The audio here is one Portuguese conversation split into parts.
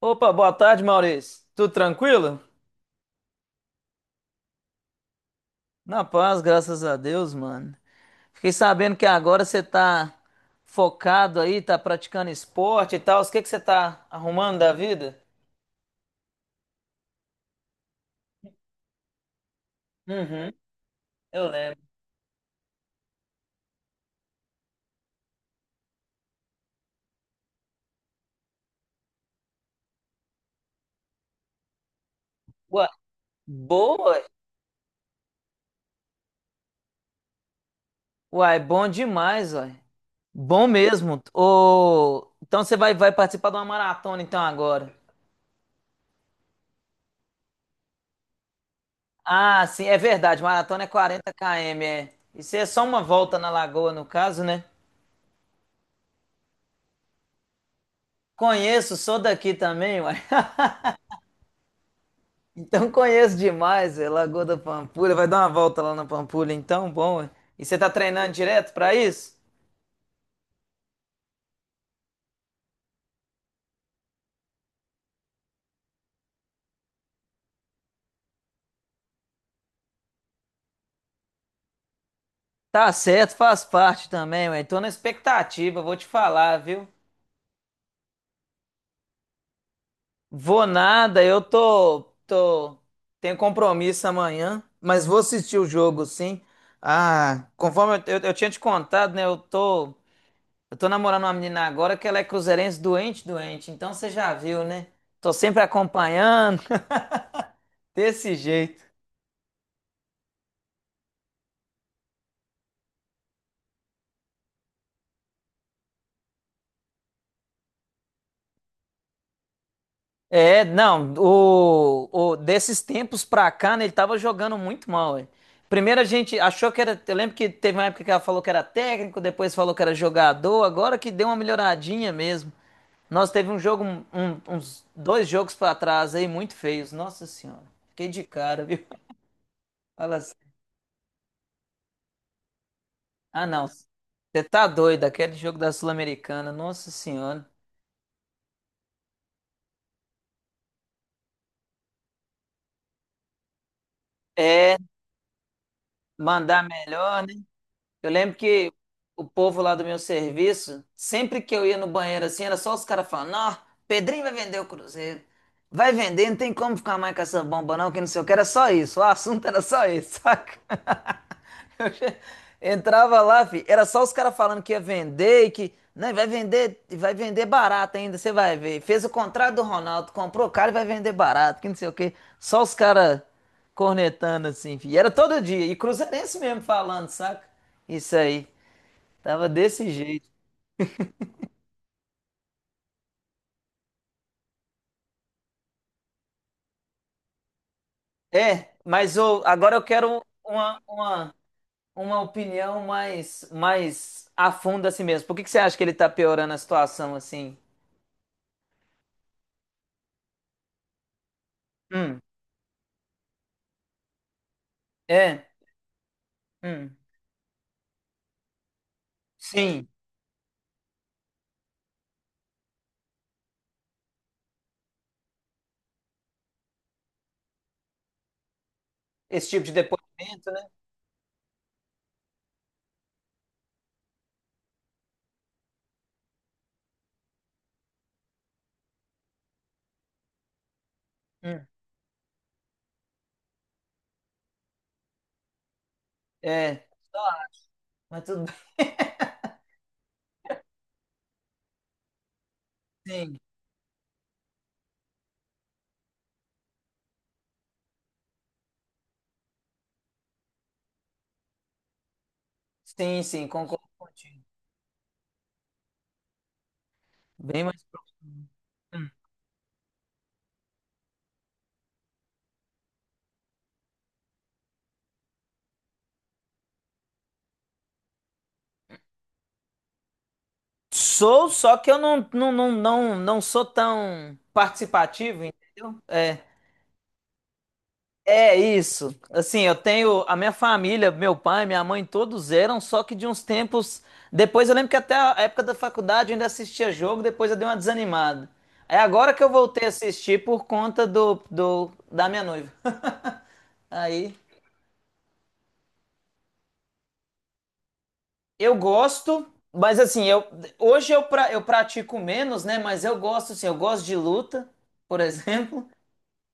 Opa, boa tarde, Maurício. Tudo tranquilo? Na paz, graças a Deus, mano. Fiquei sabendo que agora você tá focado aí, tá praticando esporte e tal. O que que você tá arrumando da vida? Uhum, eu lembro. Uai, boa! Uai, bom demais, uai. Bom mesmo. Ô, então você vai participar de uma maratona então agora. Ah, sim, é verdade. Maratona é 40 km, é. Isso é só uma volta na lagoa, no caso, né? Conheço, sou daqui também, uai. Então conheço demais, é Lagoa da Pampulha. Vai dar uma volta lá na Pampulha, então, bom. Ué. E você tá treinando direto pra isso? Tá certo, faz parte também, ué. Tô na expectativa, vou te falar, viu? Vou nada, tenho compromisso amanhã, mas vou assistir o jogo, sim. Ah, conforme eu tinha te contado, né? Eu tô namorando uma menina agora que ela é cruzeirense doente, doente. Então você já viu, né? Tô sempre acompanhando, desse jeito. É, não, desses tempos pra cá, né, ele tava jogando muito mal, velho. Primeiro a gente achou que era, eu lembro que teve uma época que ela falou que era técnico, depois falou que era jogador, agora que deu uma melhoradinha mesmo. Nós teve uns dois jogos pra trás aí muito feios, nossa senhora. Fiquei de cara, viu? Fala assim, ah não, você tá doido, aquele jogo da Sul-Americana, nossa senhora. É, mandar melhor, né? Eu lembro que o povo lá do meu serviço, sempre que eu ia no banheiro assim, era só os caras falando: Ó, Pedrinho vai vender o Cruzeiro. Vai vender, não tem como ficar mais com essa bomba, não, que não sei o que. Era só isso. O assunto era só isso, saca? Entrava lá, fi, era só os caras falando que ia vender e que né, vai vender, e vai vender barato ainda, você vai ver. Fez o contrato do Ronaldo, comprou o cara e vai vender barato, que não sei o quê. Só os caras cornetando assim, fi. E era todo dia. E cruzeirense mesmo falando, saca? Isso aí. Tava desse jeito. É, agora eu quero uma opinião mais a fundo assim mesmo. Por que que você acha que ele tá piorando a situação assim? Hum, é, hum. Sim. Esse tipo de depoimento, né? Hum. É, sei, mas tudo bem. Sim, sim, sim, concordo contigo. Bem mais próximo. Hum. Sou, só que eu não sou tão participativo, entendeu? É, isso. Assim, eu tenho a minha família, meu pai, minha mãe, todos eram, só que de uns tempos. Depois eu lembro que até a época da faculdade eu ainda assistia jogo, depois eu dei uma desanimada. É agora que eu voltei a assistir por conta da minha noiva. Aí. Eu gosto, mas assim, eu hoje eu, pra, eu pratico menos, né? Mas eu gosto, assim, eu gosto de luta, por exemplo.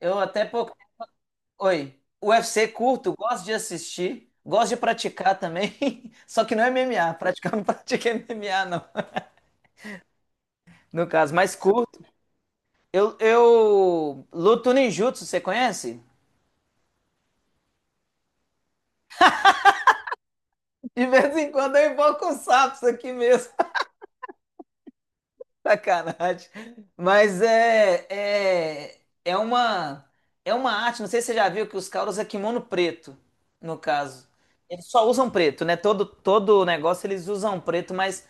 Eu até pouco. Oi. UFC curto, gosto de assistir, gosto de praticar também. Só que não é MMA, praticar não pratico MMA, não. No caso, mais curto. Eu luto ninjutsu, você conhece? De vez em quando eu invoco os sapos aqui mesmo. Sacanagem. Mas é uma é uma arte, não sei se você já viu que os caras usam kimono preto, no caso. Eles só usam preto, né? Todo negócio eles usam preto, mas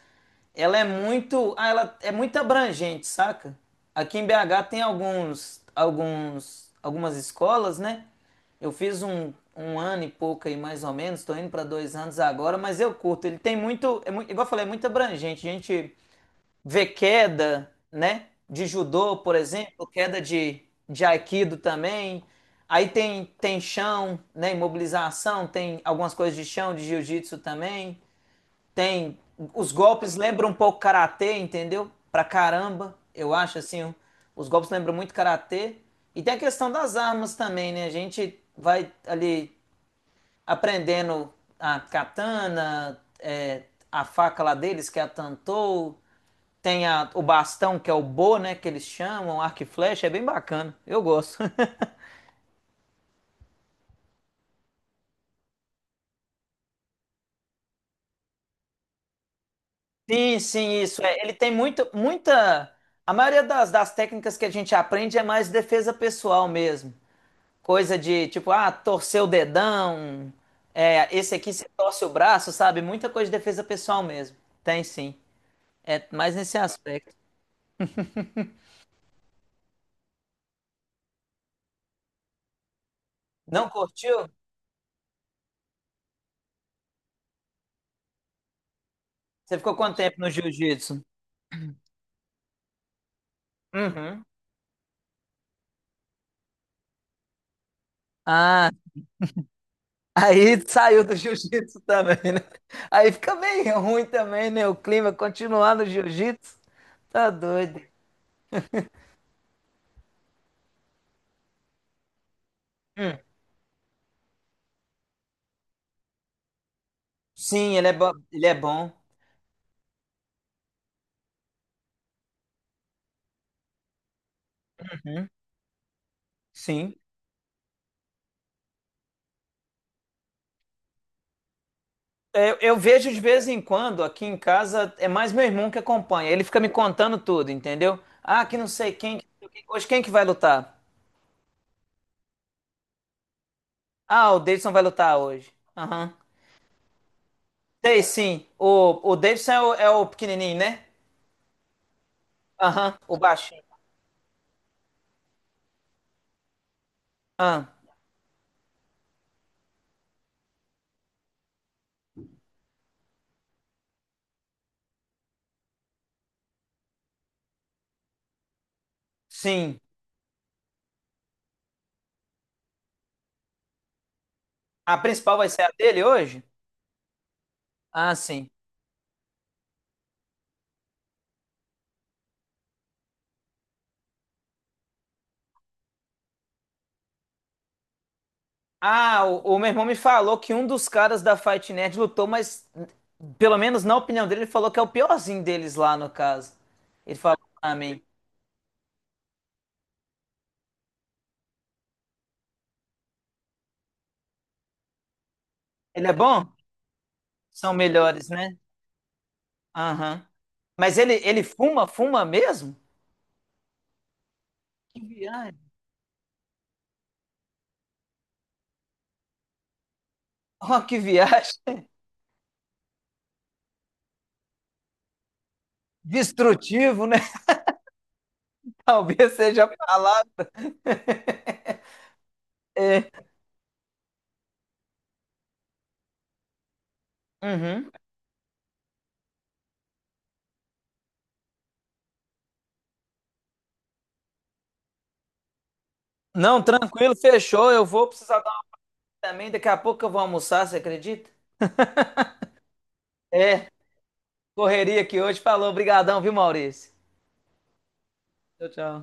ela é muito abrangente, saca? Aqui em BH tem alguns alguns algumas escolas, né? Eu fiz um ano e pouco aí, mais ou menos, estou indo para 2 anos agora, mas eu curto. Ele tem muito, igual eu falei, é muito abrangente. Gente ver queda, né? De judô, por exemplo, queda de aikido também. Aí tem chão, né? Imobilização, tem algumas coisas de chão, de jiu-jitsu também. Tem. Os golpes lembram um pouco karatê, entendeu? Pra caramba, eu acho assim. Os golpes lembram muito karatê. E tem a questão das armas também, né? A gente vai ali aprendendo a katana, a faca lá deles, que é a tantou. O bastão, que é o bo, né, que eles chamam, arco e flecha, é bem bacana. Eu gosto. Sim, sim, isso. É, ele tem muita. A maioria das técnicas que a gente aprende é mais defesa pessoal mesmo. Coisa de tipo, torcer o dedão. É, esse aqui você torce o braço, sabe? Muita coisa de defesa pessoal mesmo. Tem sim. É mais nesse aspecto. Não curtiu? Você ficou quanto tempo no jiu-jitsu? Uhum. Ah, aí saiu do jiu-jitsu também, né? Aí fica bem ruim também, né? O clima continuar no jiu-jitsu. Tá doido. Hum. Sim, ele é bom. Ele é bom. Sim. Eu vejo de vez em quando aqui em casa, é mais meu irmão que acompanha. Ele fica me contando tudo, entendeu? Ah, que não sei quem. Que Hoje quem que vai lutar? Ah, o Davidson vai lutar hoje. Aham. Sei sim. O Davidson é o pequenininho, né? Aham. O baixinho. Ah, sim. A principal vai ser a dele hoje? Ah, sim. Ah, o meu irmão me falou que um dos caras da Fight Nerd lutou, mas pelo menos na opinião dele, ele falou que é o piorzinho deles lá no caso. Ele falou pra mim. Ele é bom? São melhores, né? Aham. Mas ele fuma, fuma mesmo? Que viagem. Oh, que viagem. Destrutivo, né? Talvez seja a palavra. É. Uhum. Não, tranquilo, fechou. Eu vou precisar dar uma também. Daqui a pouco eu vou almoçar, você acredita? É. Correria aqui hoje. Falou, brigadão, viu, Maurício? Tchau, tchau.